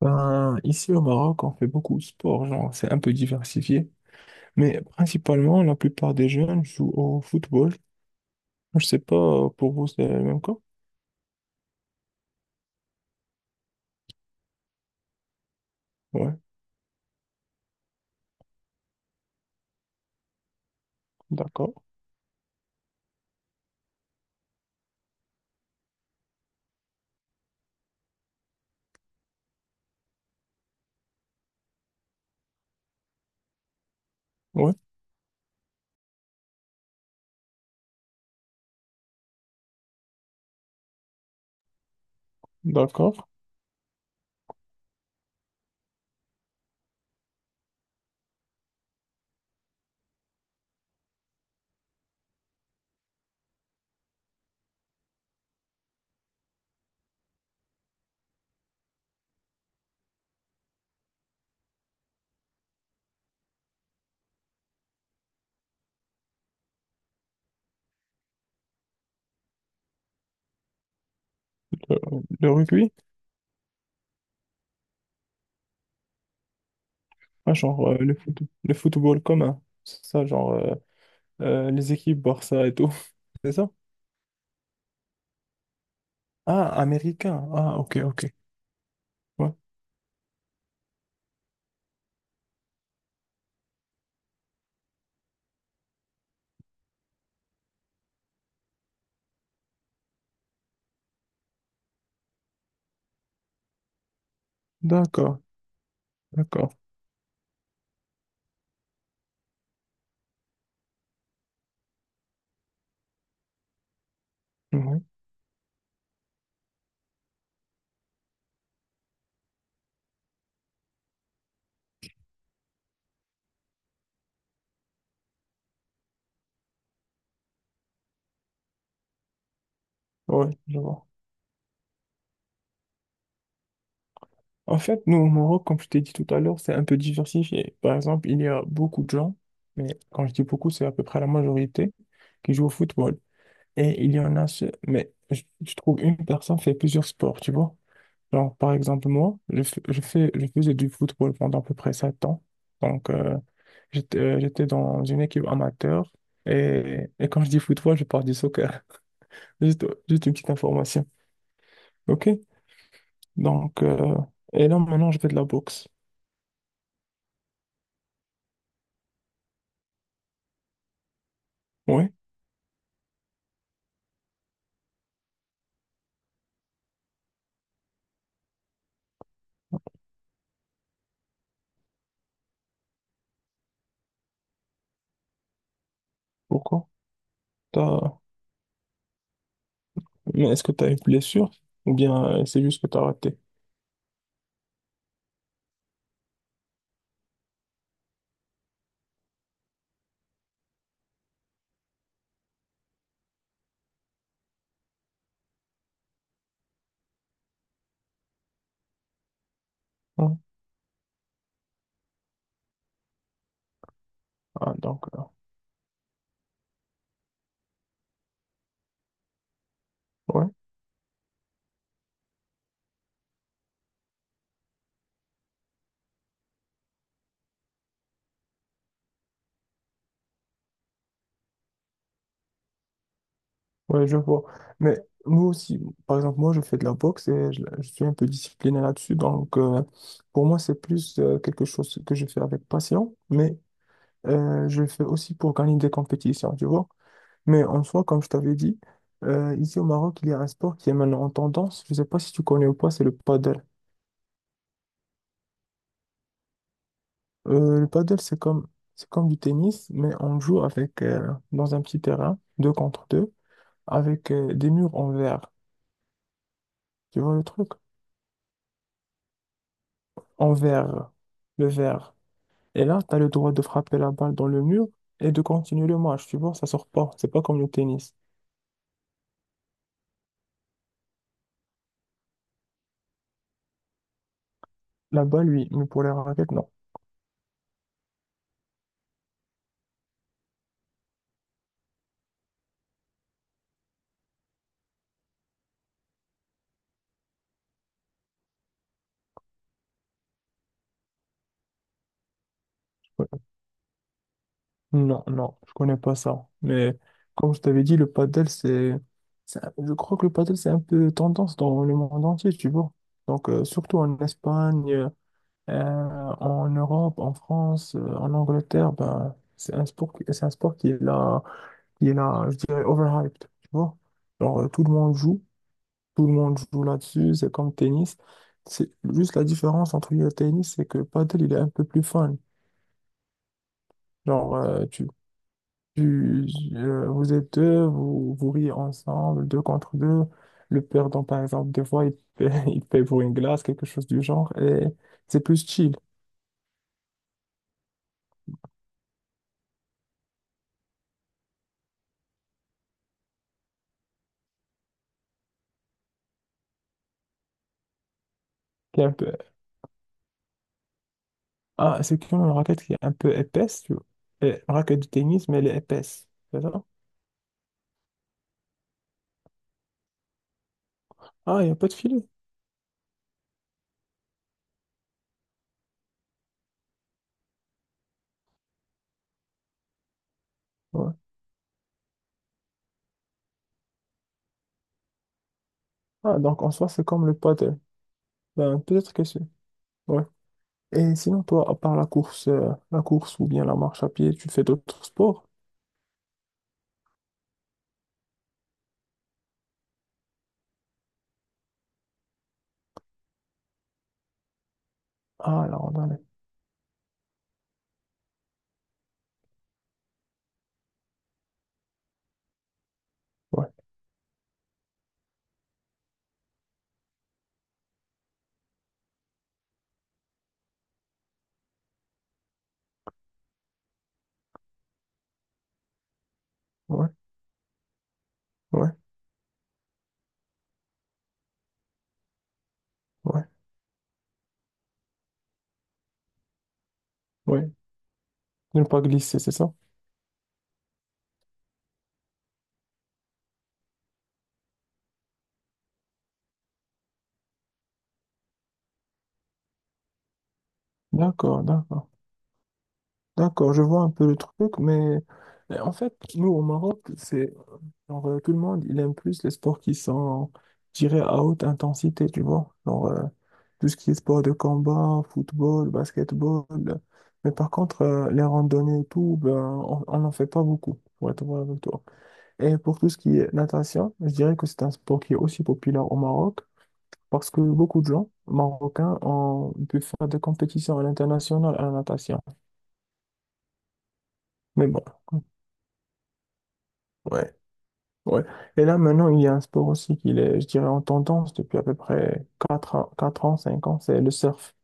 Ben, ici au Maroc, on fait beaucoup de sport, genre c'est un peu diversifié, mais principalement la plupart des jeunes jouent au football. Je sais pas, pour vous c'est le même cas? Ouais, d'accord, ouais, d'accord. Le, le rugby, ah, genre le football commun, c'est ça, genre les équipes Barça et tout, c'est ça? Ah, américain, ah ok, ok, ouais, d'accord, d'accord, ouais, ouais, je vois. En fait, nous, au Maroc, comme je t'ai dit tout à l'heure, c'est un peu diversifié. Par exemple, il y a beaucoup de gens, mais quand je dis beaucoup, c'est à peu près la majorité, qui jouent au football. Et il y en a ceux, mais je trouve une personne fait plusieurs sports, tu vois. Genre, par exemple, moi, je faisais du football pendant à peu près 7 ans. Donc, j'étais dans une équipe amateur. Et quand je dis football, je parle du soccer. Juste une petite information. OK? Donc, et là, maintenant, je fais de la boxe. Oui. Pourquoi? T'as- Mais est-ce que tu as une blessure ou bien c'est juste que tu as raté? Hein. Ah, donc, ouais, ouais, je vois. Mais nous aussi, par exemple, moi, je fais de la boxe et je suis un peu discipliné là-dessus. Donc, pour moi, c'est plus quelque chose que je fais avec passion, mais je le fais aussi pour gagner des compétitions, tu vois. Mais en soi, comme je t'avais dit, ici au Maroc, il y a un sport qui est maintenant en tendance. Je ne sais pas si tu connais ou pas, c'est le paddle. Le paddle, c'est comme, du tennis, mais on joue avec, dans un petit terrain, deux contre deux, avec des murs en verre. Tu vois le truc? En verre, le verre. Et là, tu as le droit de frapper la balle dans le mur et de continuer le match, tu vois, ça sort pas. C'est pas comme le tennis. La balle, oui, mais pour les raquettes, non. Ouais. Non, non, je connais pas ça. Mais comme je t'avais dit, le padel, je crois que le padel, c'est un peu tendance dans le monde entier, tu vois. Donc, surtout en Espagne. Euh, en Europe, en France, en Angleterre, ben, c'est un sport, c'est un sport qui est là, je dirais, overhyped, tu vois. Genre, tout le monde joue là-dessus, c'est comme le tennis. C'est juste la différence entre lui et le tennis, c'est que le paddle, il est un peu plus fun. Genre, tu- vous êtes deux, vous, vous riez ensemble, deux contre deux. Le perdant, par exemple, des fois, il paie, il paie pour une glace, quelque chose du genre, et c'est plus chill. Ah, c'est comme une raquette qui est un peu épaisse, tu vois. Et une raquette de tennis, mais elle est épaisse. C'est ça? Ah, il n'y a pas de filet. Ouais. Ah, donc en soi, c'est comme le paddle. Ben, peut-être que c'est. Ouais. Et sinon, toi, à part la course ou bien la marche à pied, tu fais d'autres sports? Ah, la randonnée. Ouais, ouais, ouais, ouais, ouais. Ne pas glisser, c'est ça? D'accord, d'accord. D'accord, je vois un peu le truc, mais en fait, nous au Maroc, c'est genre, tout le monde, il aime plus les sports qui sont tirés à haute intensité, tu vois. Genre, tout ce qui est sport de combat, football, basketball. Mais par contre, les randonnées et tout, ben, on n'en fait pas beaucoup, pour être vrai avec toi. Et pour tout ce qui est natation, je dirais que c'est un sport qui est aussi populaire au Maroc parce que beaucoup de gens marocains ont pu faire des compétitions à l'international à la natation. Mais bon. Ouais. Ouais. Et là, maintenant, il y a un sport aussi qui est, je dirais, en tendance depuis à peu près 4 ans, 4 ans, 5 ans, c'est le surf.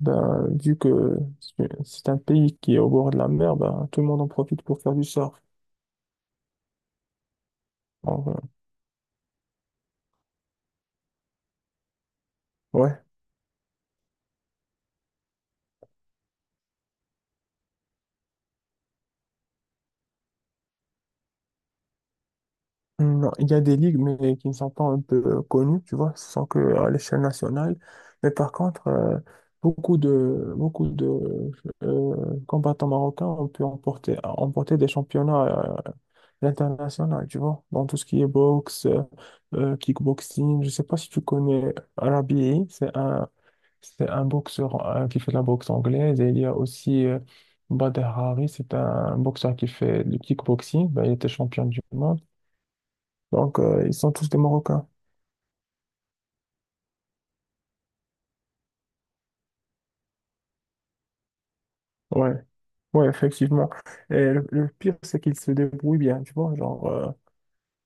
Ben, vu que c'est un pays qui est au bord de la mer, ben, tout le monde en profite pour faire du surf. Donc, ouais. Hmm, non, il y a des ligues, mais qui ne sont pas un peu connues, tu vois, ce sont que à l'échelle nationale. Mais par contre, beaucoup de combattants marocains ont pu emporter des championnats l'international, tu vois, dans tout ce qui est boxe, kickboxing. Je sais pas si tu connais Rabi, c'est un boxeur qui fait de la boxe anglaise. Et il y a aussi Bader Hari, c'est un boxeur qui fait du kickboxing. Ben, il était champion du monde. Donc, ils sont tous des Marocains. Ouais, ouais, effectivement. Et le pire, c'est qu'ils se débrouillent bien, tu vois. Genre,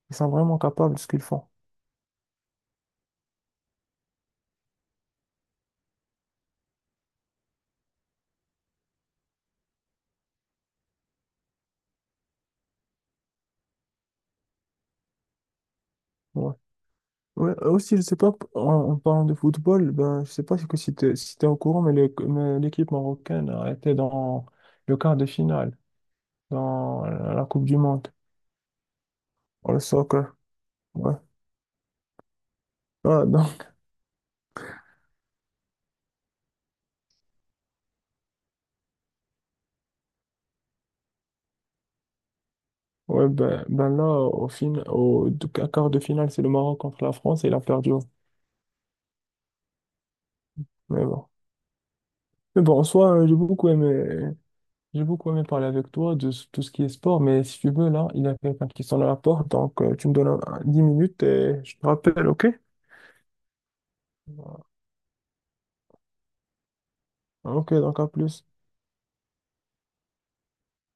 ils sont vraiment capables de ce qu'ils font. Ouais. Ouais, aussi, je sais pas, en parlant de football, ben, je sais pas si, que si tu si t'es au courant, mais l'équipe marocaine a été dans le quart de finale, dans la Coupe du Monde, pour le soccer. Ouais. Ah, non. Ouais, ben, ben là, au fin, au de- à quart de finale, c'est le Maroc contre la France et il a perdu, hein. Mais bon. Mais bon, en soi, j'ai beaucoup aimé parler avec toi tout ce qui est sport, mais si tu veux, là, il y a quelqu'un qui sonne à la porte, donc tu me donnes 10 minutes et je te rappelle, ok? Ok, donc à plus.